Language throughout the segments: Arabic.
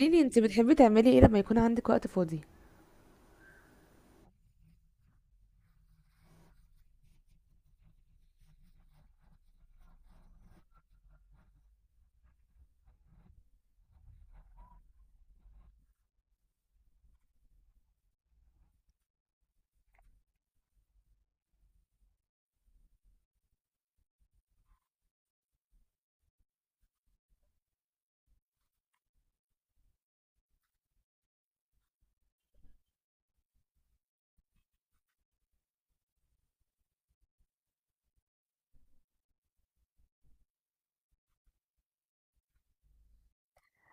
قولي لي انت بتحبي تعملي ايه لما يكون عندك وقت فاضي؟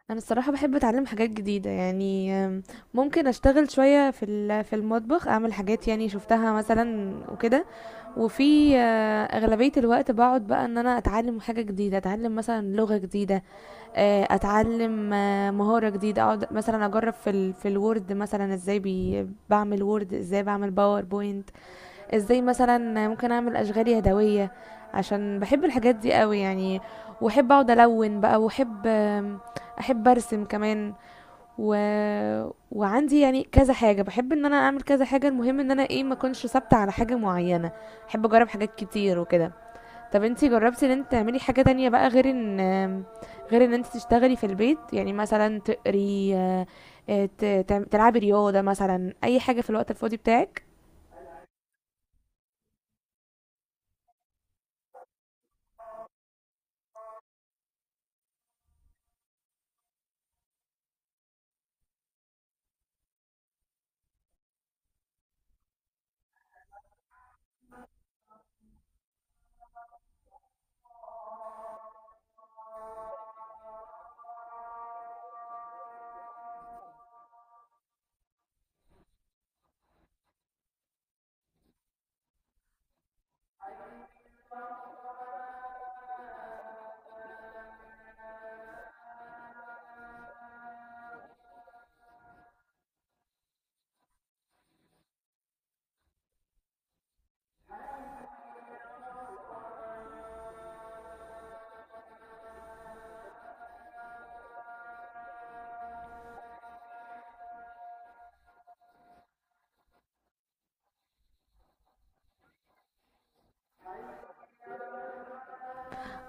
انا الصراحه بحب اتعلم حاجات جديده، يعني ممكن اشتغل شويه في في المطبخ، اعمل حاجات يعني شفتها مثلا وكده. وفي اغلبيه الوقت بقعد بقى ان انا اتعلم حاجه جديده، اتعلم مثلا لغه جديده. اتعلم مهاره جديده، اقعد مثلا اجرب في في الوورد، مثلا ازاي بعمل وورد، ازاي بعمل باوربوينت، ازاي مثلا ممكن اعمل اشغال يدويه، عشان بحب الحاجات دي قوي يعني. واحب اقعد الون بقى، واحب احب ارسم كمان و... وعندي يعني كذا حاجه، بحب ان انا اعمل كذا حاجه. المهم ان انا ايه، ما اكونش ثابته على حاجه معينه، احب اجرب حاجات كتير وكده. طب انتي جربتي ان انت تعملي حاجه تانية بقى، غير ان انت تشتغلي في البيت؟ يعني مثلا تقري تلعبي رياضه، مثلا اي حاجه في الوقت الفاضي بتاعك؟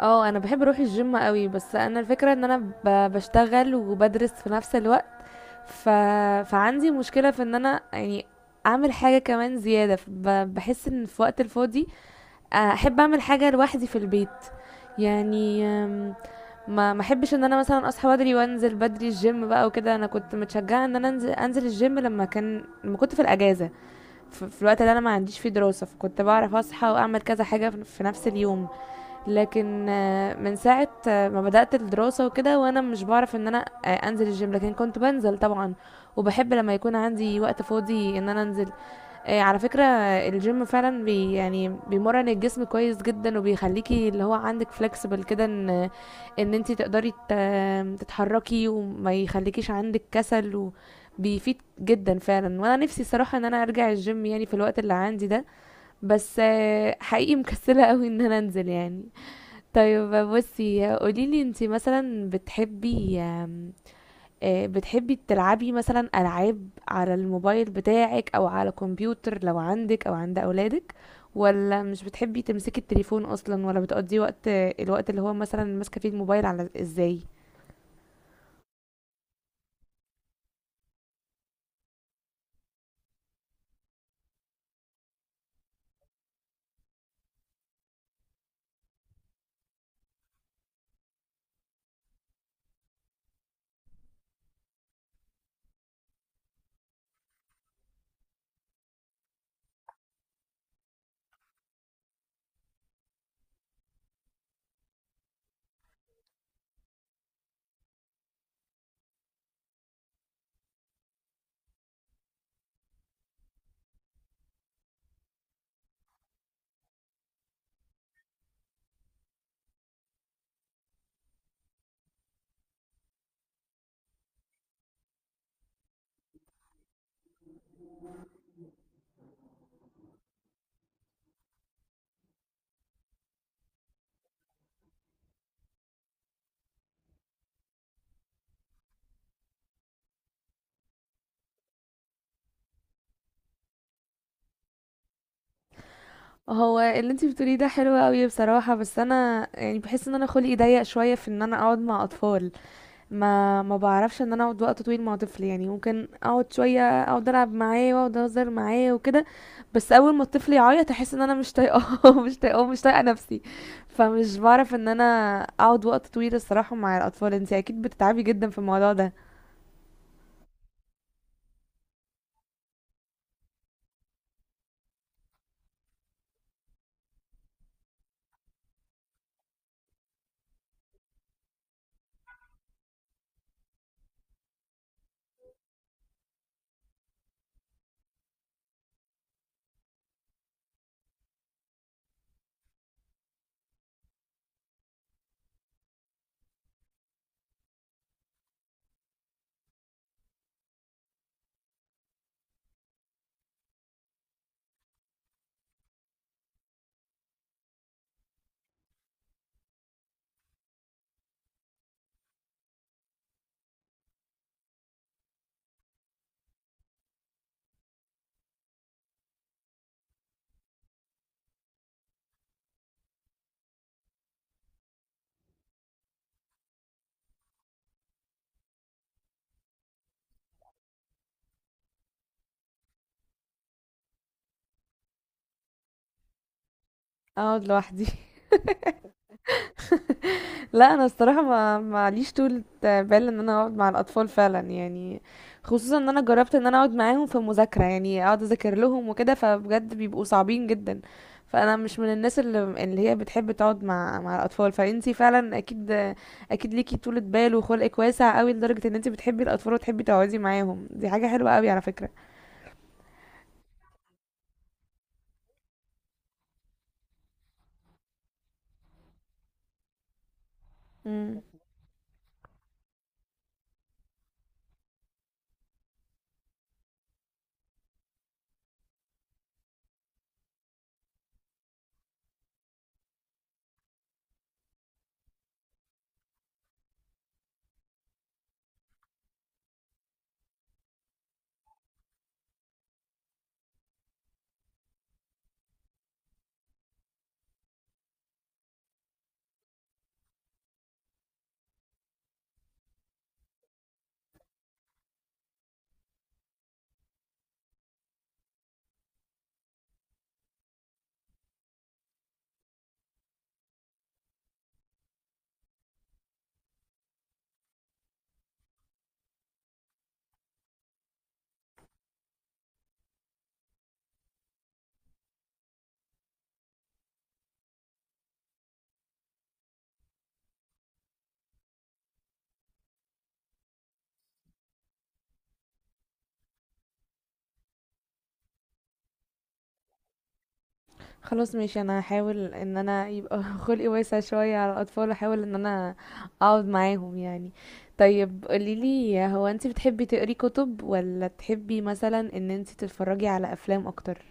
اه انا بحب اروح الجيم قوي، بس انا الفكره ان انا بشتغل وبدرس في نفس الوقت. ف... فعندي مشكله في ان انا يعني اعمل حاجه كمان زياده. بحس ان في وقت الفاضي احب اعمل حاجه لوحدي في البيت، يعني ما احبش ان انا مثلا اصحى بدري وانزل بدري الجيم بقى وكده. انا كنت متشجعه ان انا انزل الجيم لما كان كنت في الاجازه، في الوقت اللي انا ما عنديش فيه دراسه، فكنت بعرف اصحى واعمل كذا حاجه في نفس اليوم. لكن من ساعة ما بدأت الدراسة وكده، وأنا مش بعرف إن أنا أنزل الجيم، لكن كنت بنزل طبعا. وبحب لما يكون عندي وقت فاضي إن أنا أنزل. على فكرة الجيم فعلا يعني بيمرن الجسم كويس جدا، وبيخليكي اللي هو عندك فلكسبل كده، إن أنتي تقدري تتحركي، وما يخليكيش عندك كسل، وبيفيد جدا فعلا. وأنا نفسي الصراحة إن أنا أرجع الجيم يعني في الوقت اللي عندي ده، بس حقيقي مكسلة قوي إن أنا أنزل يعني. طيب، بصي قوليلي انتي مثلا بتحبي بتحبي تلعبي مثلا ألعاب على الموبايل بتاعك، أو على كمبيوتر لو عندك أو عند أولادك؟ ولا مش بتحبي تمسكي التليفون أصلا؟ ولا بتقضي وقت، الوقت اللي هو مثلا ماسكة فيه الموبايل على ازاي؟ هو اللي انتي بتقوليه ده حلو قوي بصراحة، بس انا يعني بحس ان انا خلقي ضيق شوية في ان انا اقعد مع اطفال. ما بعرفش ان انا اقعد وقت طويل مع طفل، يعني ممكن اقعد شويه اقعد العب معاه واقعد اهزر معاه وكده، بس اول ما الطفل يعيط احس ان انا مش طايقاه مش طايقاه، مش طايقه نفسي. فمش بعرف ان انا اقعد وقت طويل الصراحه مع الاطفال. انتي اكيد بتتعبي جدا في الموضوع ده. اقعد لوحدي. لا انا الصراحه ما معليش طول بال ان انا اقعد مع الاطفال فعلا يعني، خصوصا ان انا جربت ان انا اقعد معاهم في مذاكره، يعني اقعد اذاكر لهم وكده، فبجد بيبقوا صعبين جدا. فانا مش من الناس اللي اللي هي بتحب تقعد مع الاطفال. فانتي فعلا اكيد ليكي طولة بال وخلقك واسع قوي، لدرجه ان انتي بتحبي الاطفال وتحبي تقعدي معاهم. دي حاجه حلوه قوي على فكره. خلاص ماشي، انا هحاول ان انا يبقى خلقي واسع شوية على الاطفال، احاول ان انا اقعد معاهم يعني. طيب قوليلي، هو انت بتحبي تقري كتب، ولا تحبي مثلا ان انت تتفرجي على افلام اكتر؟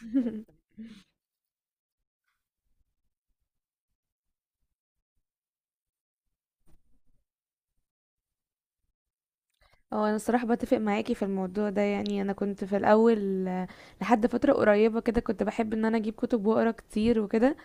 هو انا الصراحة بتفق معاكي في الموضوع ده، يعني انا كنت في الاول لحد فترة قريبة كده كنت بحب ان انا اجيب كتب واقرا كتير وكده.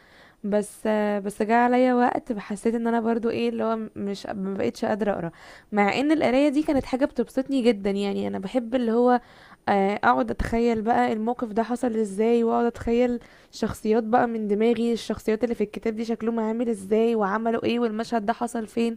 بس بس جه عليا وقت حسيت ان انا برضو ايه اللي هو مش، ما بقتش قادره اقرا، مع ان القرايه دي كانت حاجه بتبسطني جدا. يعني انا بحب اللي هو اقعد اتخيل بقى الموقف ده حصل ازاي، واقعد اتخيل شخصيات بقى من دماغي، الشخصيات اللي في الكتاب دي شكلهم عامل ازاي، وعملوا ايه، والمشهد ده حصل فين،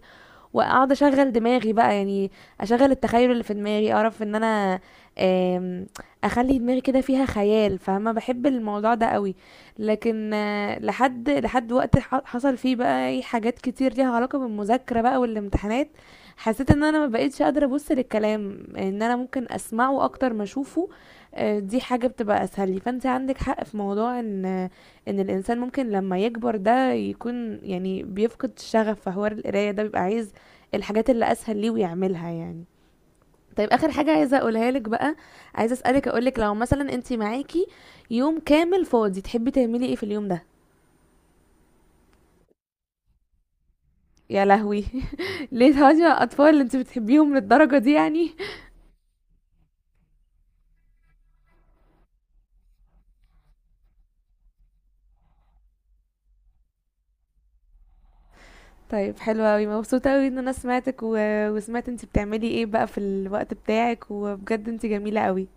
واقعد اشغل دماغي بقى يعني، اشغل التخيل اللي في دماغي، اعرف ان انا آم، اخلي دماغي كده فيها خيال، فاهمه؟ بحب الموضوع ده قوي. لكن لحد وقت حصل فيه بقى اي حاجات كتير ليها علاقه بالمذاكره بقى والامتحانات، حسيت ان انا ما بقتش قادره ابص للكلام، ان انا ممكن اسمعه اكتر ما اشوفه. دي حاجه بتبقى اسهل لي. فانت عندك حق في موضوع ان الانسان ممكن لما يكبر ده يكون يعني بيفقد الشغف في حوار القرايه ده، بيبقى عايز الحاجات اللي اسهل ليه ويعملها يعني. طيب اخر حاجه عايزه اقولها لك بقى، عايزه اسالك اقولك لو مثلا انت معاكي يوم كامل فاضي، تحبي تعملي ايه في اليوم ده؟ يا لهوي! ليه تقعدي مع الاطفال اللي انت بتحبيهم للدرجه دي يعني؟ طيب، حلوه قوي، مبسوطه قوي ان انا سمعتك و... وسمعت انت بتعملي ايه بقى في الوقت بتاعك، وبجد انت جميله قوي.